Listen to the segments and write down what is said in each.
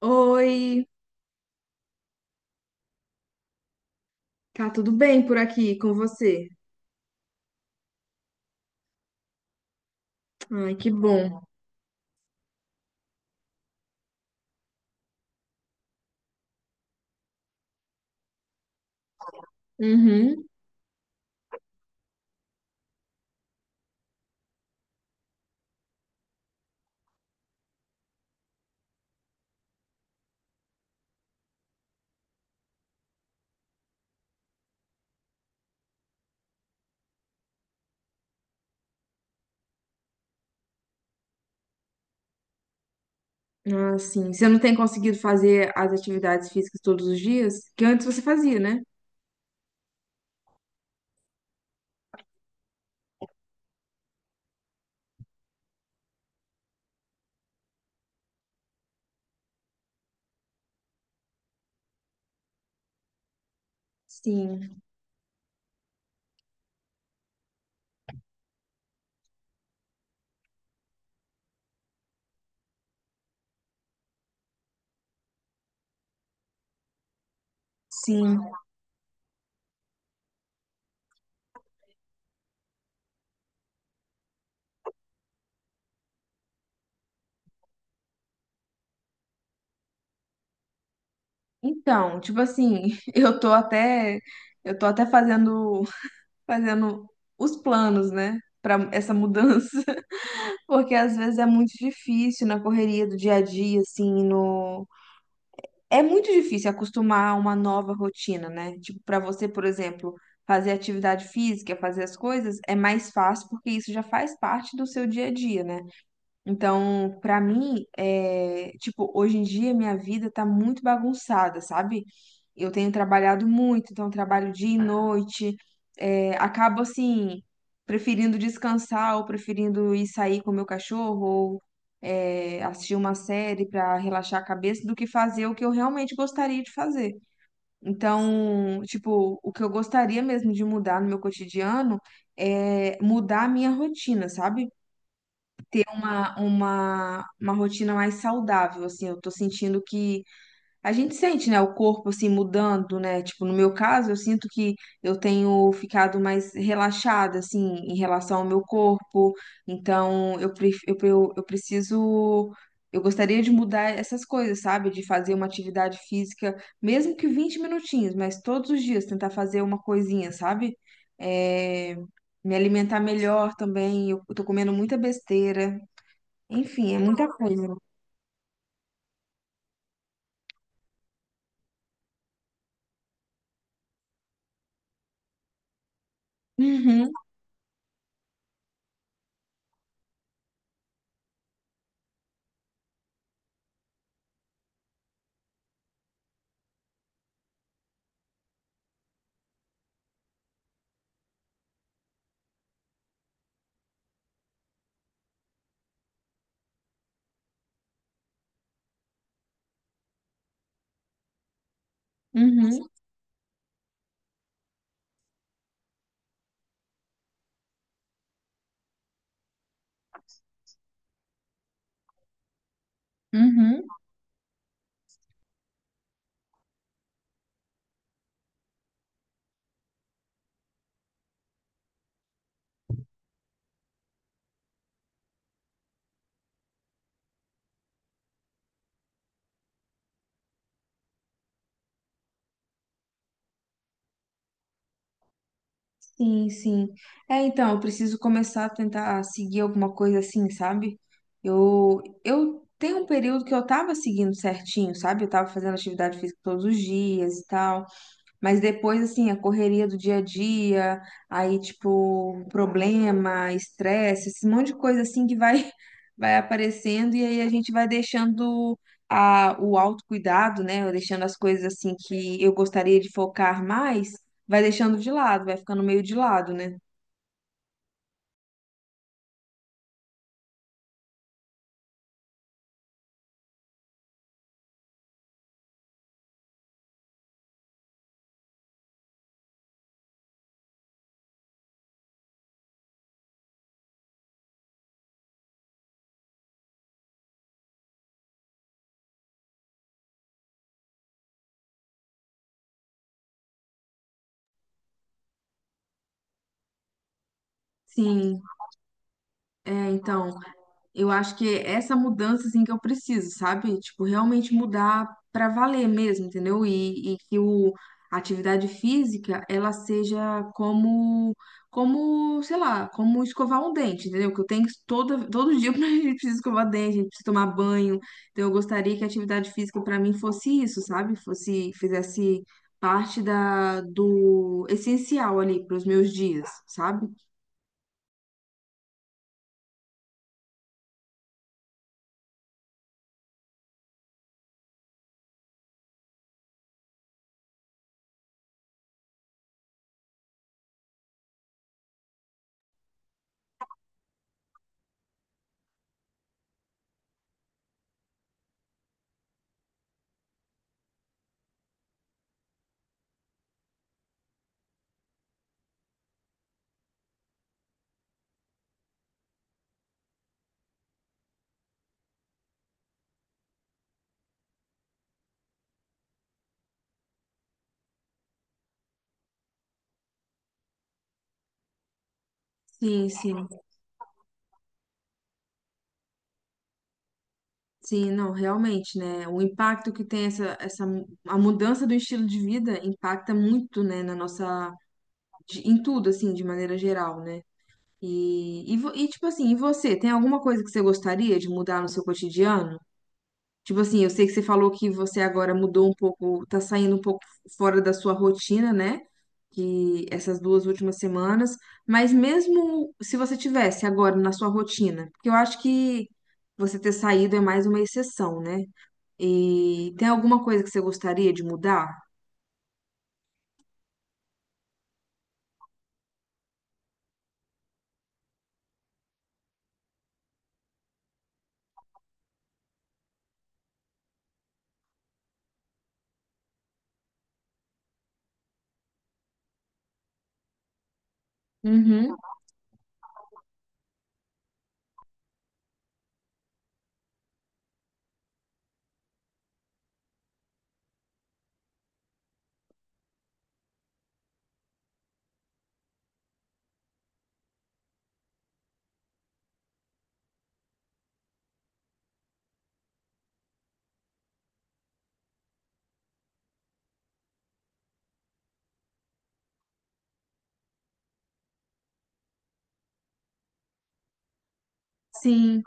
Oi, tá tudo bem por aqui com você? Ai, que bom. Uhum. Ah, sim. Você não tem conseguido fazer as atividades físicas todos os dias? Que antes você fazia, né? Sim, sim. Então, tipo assim, eu tô até eu tô até fazendo os planos, né, pra essa mudança, porque às vezes é muito difícil na correria do dia a dia, assim, no... É muito difícil acostumar a uma nova rotina, né? Tipo, para você, por exemplo, fazer atividade física, fazer as coisas, é mais fácil porque isso já faz parte do seu dia a dia, né? Então, pra mim, é, tipo, hoje em dia minha vida tá muito bagunçada, sabe? Eu tenho trabalhado muito, então trabalho dia e noite. Acabo assim, preferindo descansar ou preferindo ir sair com meu cachorro ou assistir uma série pra relaxar a cabeça do que fazer o que eu realmente gostaria de fazer. Então, tipo, o que eu gostaria mesmo de mudar no meu cotidiano é mudar a minha rotina, sabe? Uma rotina mais saudável, assim, eu tô sentindo que a gente sente, né, o corpo assim mudando, né? Tipo, no meu caso, eu sinto que eu tenho ficado mais relaxada assim em relação ao meu corpo. Então, eu preciso. Eu gostaria de mudar essas coisas, sabe? De fazer uma atividade física, mesmo que 20 minutinhos, mas todos os dias tentar fazer uma coisinha, sabe? É, me alimentar melhor também. Eu tô comendo muita besteira. Enfim, é muita coisa. Uhum, uhum, uhum. Sim, sim. É, então, eu preciso começar a tentar seguir alguma coisa assim, sabe? Eu tenho um período que eu tava seguindo certinho, sabe? Eu tava fazendo atividade física todos os dias e tal. Mas depois, assim, a correria do dia a dia, aí, tipo, problema, estresse, esse monte de coisa, assim, que vai, vai aparecendo e aí a gente vai deixando o autocuidado, né? Ou deixando as coisas, assim, que eu gostaria de focar mais, vai deixando de lado, vai ficando meio de lado, né? Sim, é, então. Eu acho que é essa mudança assim que eu preciso, sabe? Tipo, realmente mudar pra valer mesmo, entendeu? A atividade física ela seja como como, sei lá, como escovar um dente, entendeu? Que eu tenho que toda todo dia pra gente precisa escovar dente, a gente precisa tomar banho. Então eu gostaria que a atividade física pra mim fosse isso, sabe? Fosse fizesse parte da do essencial ali pros meus dias, sabe? Sim, sim. Sim, não, realmente, né? O impacto que tem essa a mudança do estilo de vida impacta muito, né, na nossa... em tudo assim, de maneira geral, né? E tipo assim, e você, tem alguma coisa que você gostaria de mudar no seu cotidiano? Tipo assim, eu sei que você falou que você agora mudou um pouco, tá saindo um pouco fora da sua rotina, né? Que essas duas últimas semanas, mas mesmo se você tivesse agora na sua rotina, porque eu acho que você ter saído é mais uma exceção, né? E tem alguma coisa que você gostaria de mudar? Uhum. Sim,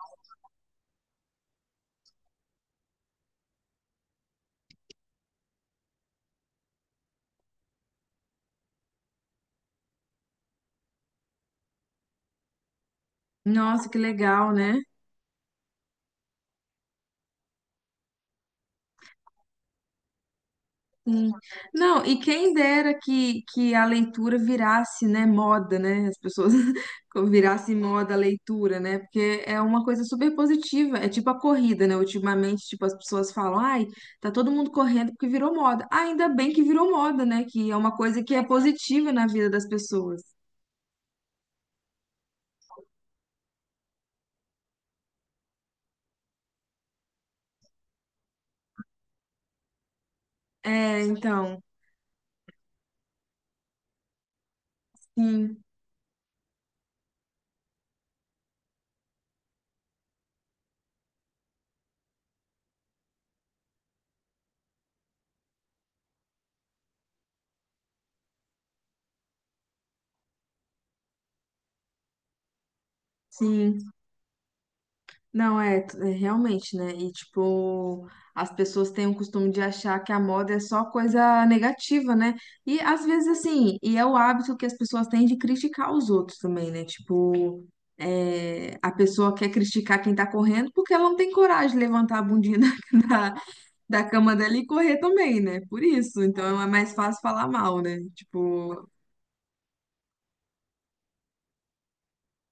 nossa, que legal, né? Sim. Não, e quem dera que a leitura virasse, né, moda, né? As pessoas virasse moda a leitura, né? Porque é uma coisa super positiva. É tipo a corrida, né? Ultimamente, tipo, as pessoas falam, ai, tá todo mundo correndo porque virou moda. Ah, ainda bem que virou moda, né? Que é uma coisa que é positiva na vida das pessoas. É, então, sim, sim. Não, é, é realmente, né? E, tipo, as pessoas têm o costume de achar que a moda é só coisa negativa, né? E, às vezes, assim, e é o hábito que as pessoas têm de criticar os outros também, né? Tipo, é, a pessoa quer criticar quem tá correndo porque ela não tem coragem de levantar a bundinha da, da, cama dela e correr também, né? Por isso. Então, é mais fácil falar mal, né? Tipo,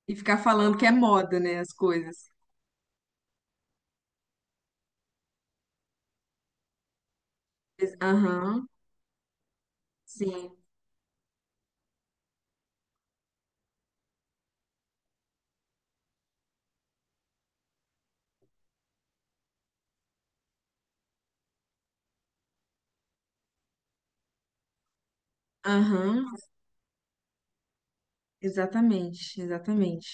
e ficar falando que é moda, né? As coisas. Aham, sim. Aham. Exatamente, exatamente.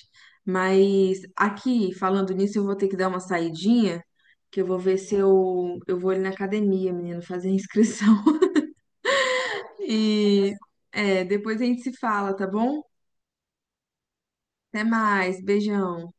Mas aqui, falando nisso, eu vou ter que dar uma saidinha, que eu vou ver se eu vou ali na academia, menino, fazer a inscrição. E é, depois a gente se fala, tá bom? Até mais, beijão.